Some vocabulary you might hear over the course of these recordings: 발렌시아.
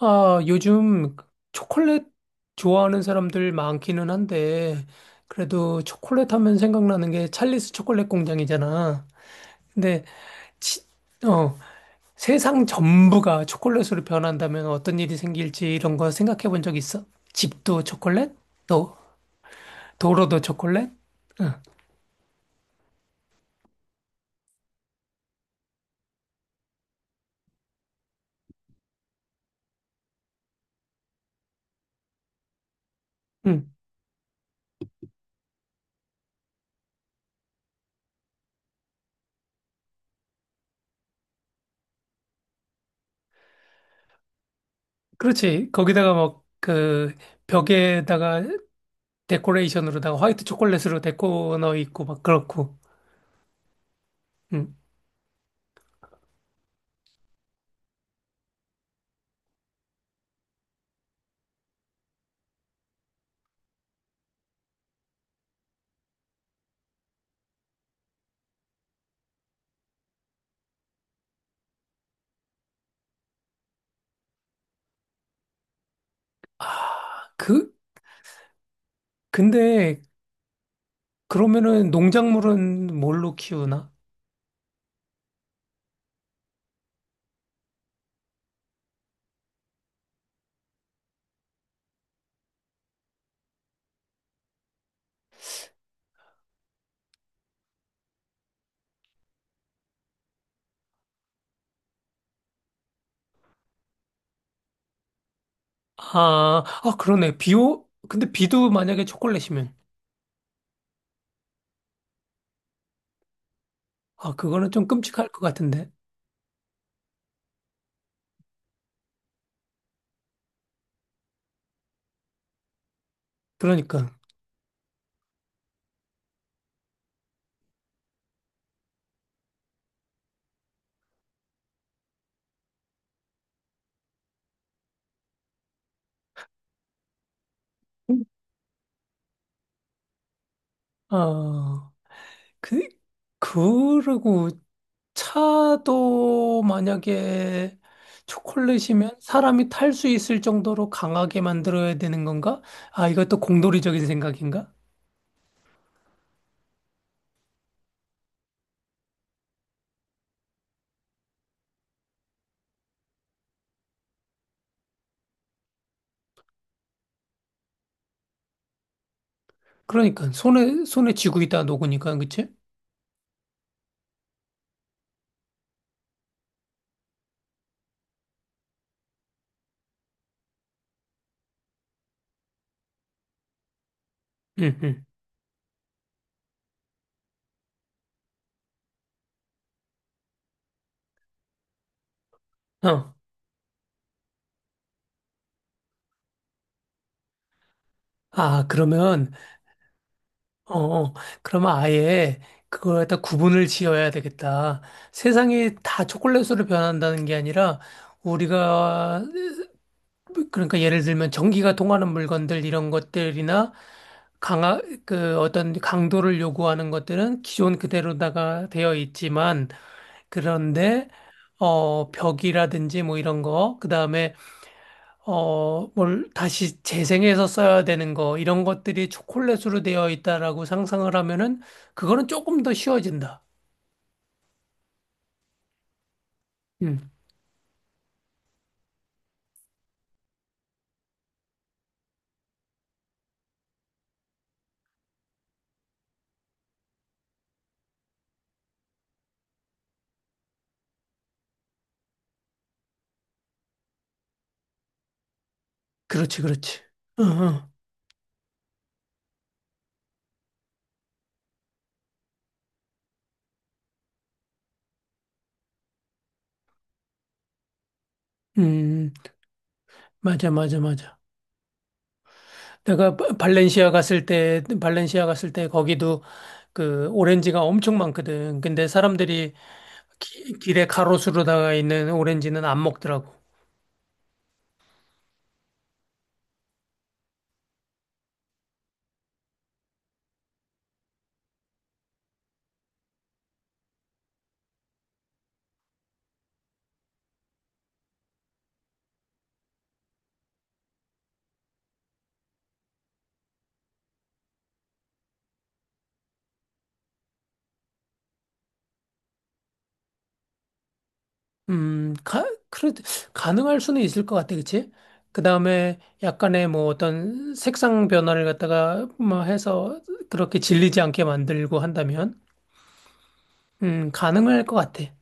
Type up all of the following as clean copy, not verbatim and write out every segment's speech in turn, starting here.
아, 요즘 초콜릿 좋아하는 사람들 많기는 한데, 그래도 초콜릿 하면 생각나는 게 찰리스 초콜릿 공장이잖아. 근데, 치- 어, 세상 전부가 초콜릿으로 변한다면 어떤 일이 생길지 이런 거 생각해 본 적 있어? 집도 초콜릿? 또, 도로도 초콜릿? 응, 응. 그렇지. 거기다가 막, 그, 벽에다가 데코레이션으로다가 화이트 초콜릿으로 데코 넣어 있고, 막 그렇고. 응. 아, 그, 근데 그러면은 농작물은 뭘로 키우나? 아, 아 그러네. 비오 근데 비도 만약에 초콜릿이면 아 그거는 좀 끔찍할 것 같은데. 그러니까 아, 그 그리고 차도 만약에 초콜릿이면 사람이 탈 수 있을 정도로 강하게 만들어야 되는 건가? 아, 이것도 공돌이적인 생각인가? 그러니까 손에 쥐고 있다 녹으니까 그치? 응, 응. 어. 아, 그러면 어, 어. 그러면 아예 그걸 갖다 구분을 지어야 되겠다. 세상이 다 초콜릿으로 변한다는 게 아니라 우리가 그러니까 예를 들면 전기가 통하는 물건들 이런 것들이나 강하 그 어떤 강도를 요구하는 것들은 기존 그대로다가 되어 있지만 그런데 어 벽이라든지 뭐 이런 거 그다음에 어, 뭘 다시 재생해서 써야 되는 거, 이런 것들이 초콜릿으로 되어 있다라고 상상을 하면은, 그거는 조금 더 쉬워진다. 음, 그렇지, 그렇지. 어, 어. 음, 맞아, 맞아, 맞아. 내가 발렌시아 갔을 때 거기도 그 오렌지가 엄청 많거든. 근데 사람들이 길에 가로수로다가 있는 오렌지는 안 먹더라고. 음, 가, 그래, 가능할 수는 있을 것 같아, 그치? 그 다음에 약간의 뭐 어떤 색상 변화를 갖다가 뭐 해서 그렇게 질리지 않게 만들고 한다면, 가능할 것 같아.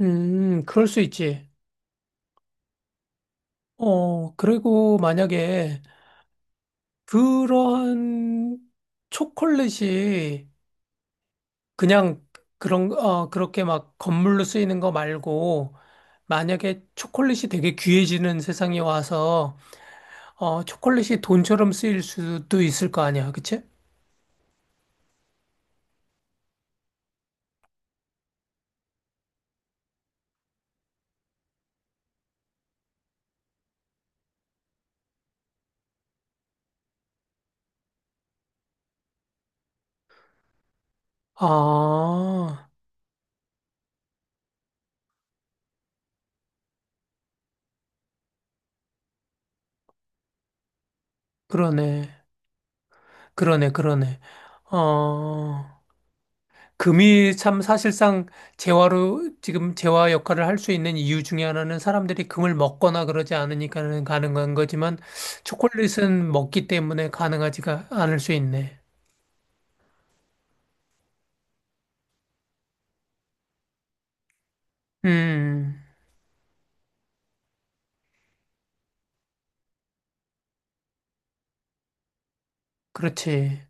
그럴 수 있지. 어, 그리고 만약에 그런 초콜릿이 그냥 그런, 어, 그렇게 막 건물로 쓰이는 거 말고, 만약에 초콜릿이 되게 귀해지는 세상이 와서 아, 초콜릿이 돈처럼 쓰일 수도 있을 거 아니야, 그치? 아, 그러네. 그러네. 어, 금이 참 사실상 재화로, 지금 재화 역할을 할 수 있는 이유 중에 하나는 사람들이 금을 먹거나 그러지 않으니까는 가능한 거지만, 초콜릿은 먹기 때문에 가능하지가 않을 수 있네. 음, 그렇지.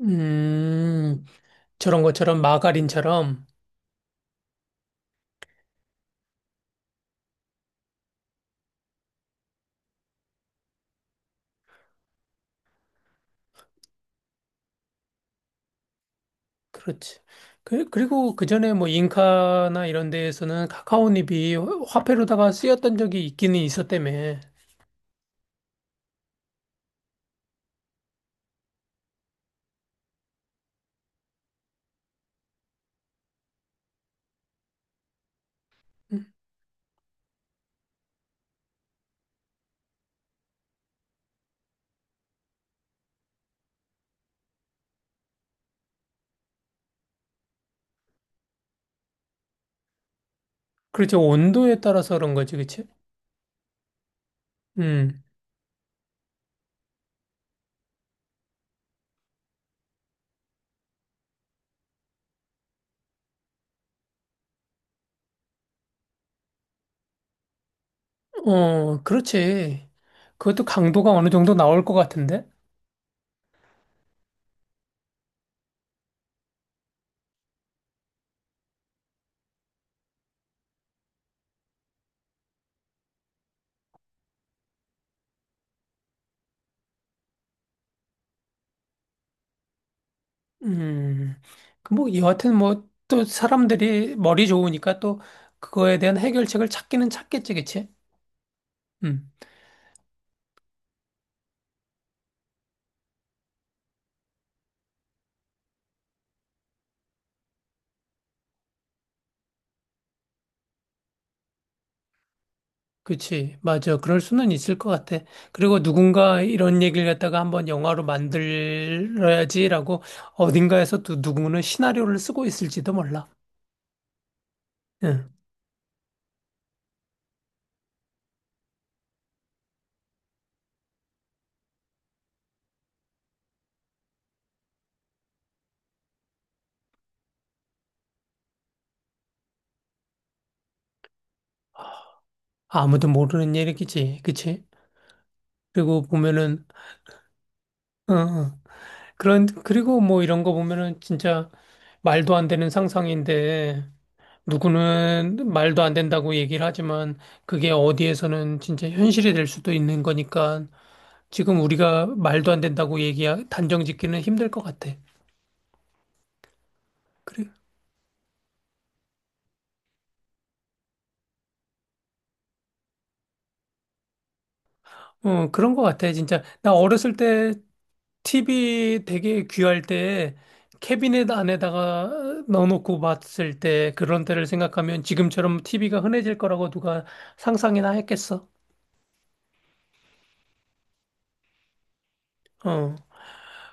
음, 저런 것처럼 마가린처럼, 그렇지. 그, 그리고 그 전에 뭐 잉카나 이런 데에서는 카카오잎이 화폐로다가 쓰였던 적이 있기는 있었다며. 음, 그렇지. 온도에 따라서 그런 거지, 그치? 음, 어, 그렇지. 그것도 강도가 어느 정도 나올 것 같은데? 음, 그 뭐 여하튼 뭐 또 사람들이 머리 좋으니까 또 그거에 대한 해결책을 찾기는 찾겠지, 그치? 음. 그치. 맞아. 그럴 수는 있을 것 같아. 그리고 누군가 이런 얘기를 갖다가 한번 영화로 만들어야지라고 어딘가에서 또 누구는 시나리오를 쓰고 있을지도 몰라. 응. 아무도 모르는 얘기지. 그치. 그리고 보면은, 응, 응. 그런, 그리고 뭐 이런 거 보면은 진짜 말도 안 되는 상상인데 누구는 말도 안 된다고 얘기를 하지만 그게 어디에서는 진짜 현실이 될 수도 있는 거니까 지금 우리가 말도 안 된다고 얘기하, 단정 짓기는 힘들 것 같아. 그래. 어, 그런 것 같아, 진짜. 나 어렸을 때 TV 되게 귀할 때 캐비넷 안에다가 넣어놓고 봤을 때 그런 때를 생각하면 지금처럼 TV가 흔해질 거라고 누가 상상이나 했겠어. 어.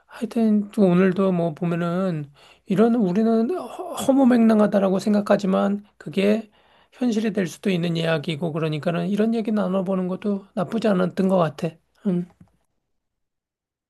하여튼 또 오늘도 뭐 보면은 이런 우리는 허무맹랑하다라고 생각하지만 그게 현실이 될 수도 있는 이야기고 그러니까는 이런 얘기 나눠보는 것도 나쁘지 않았던 것 같아. 음.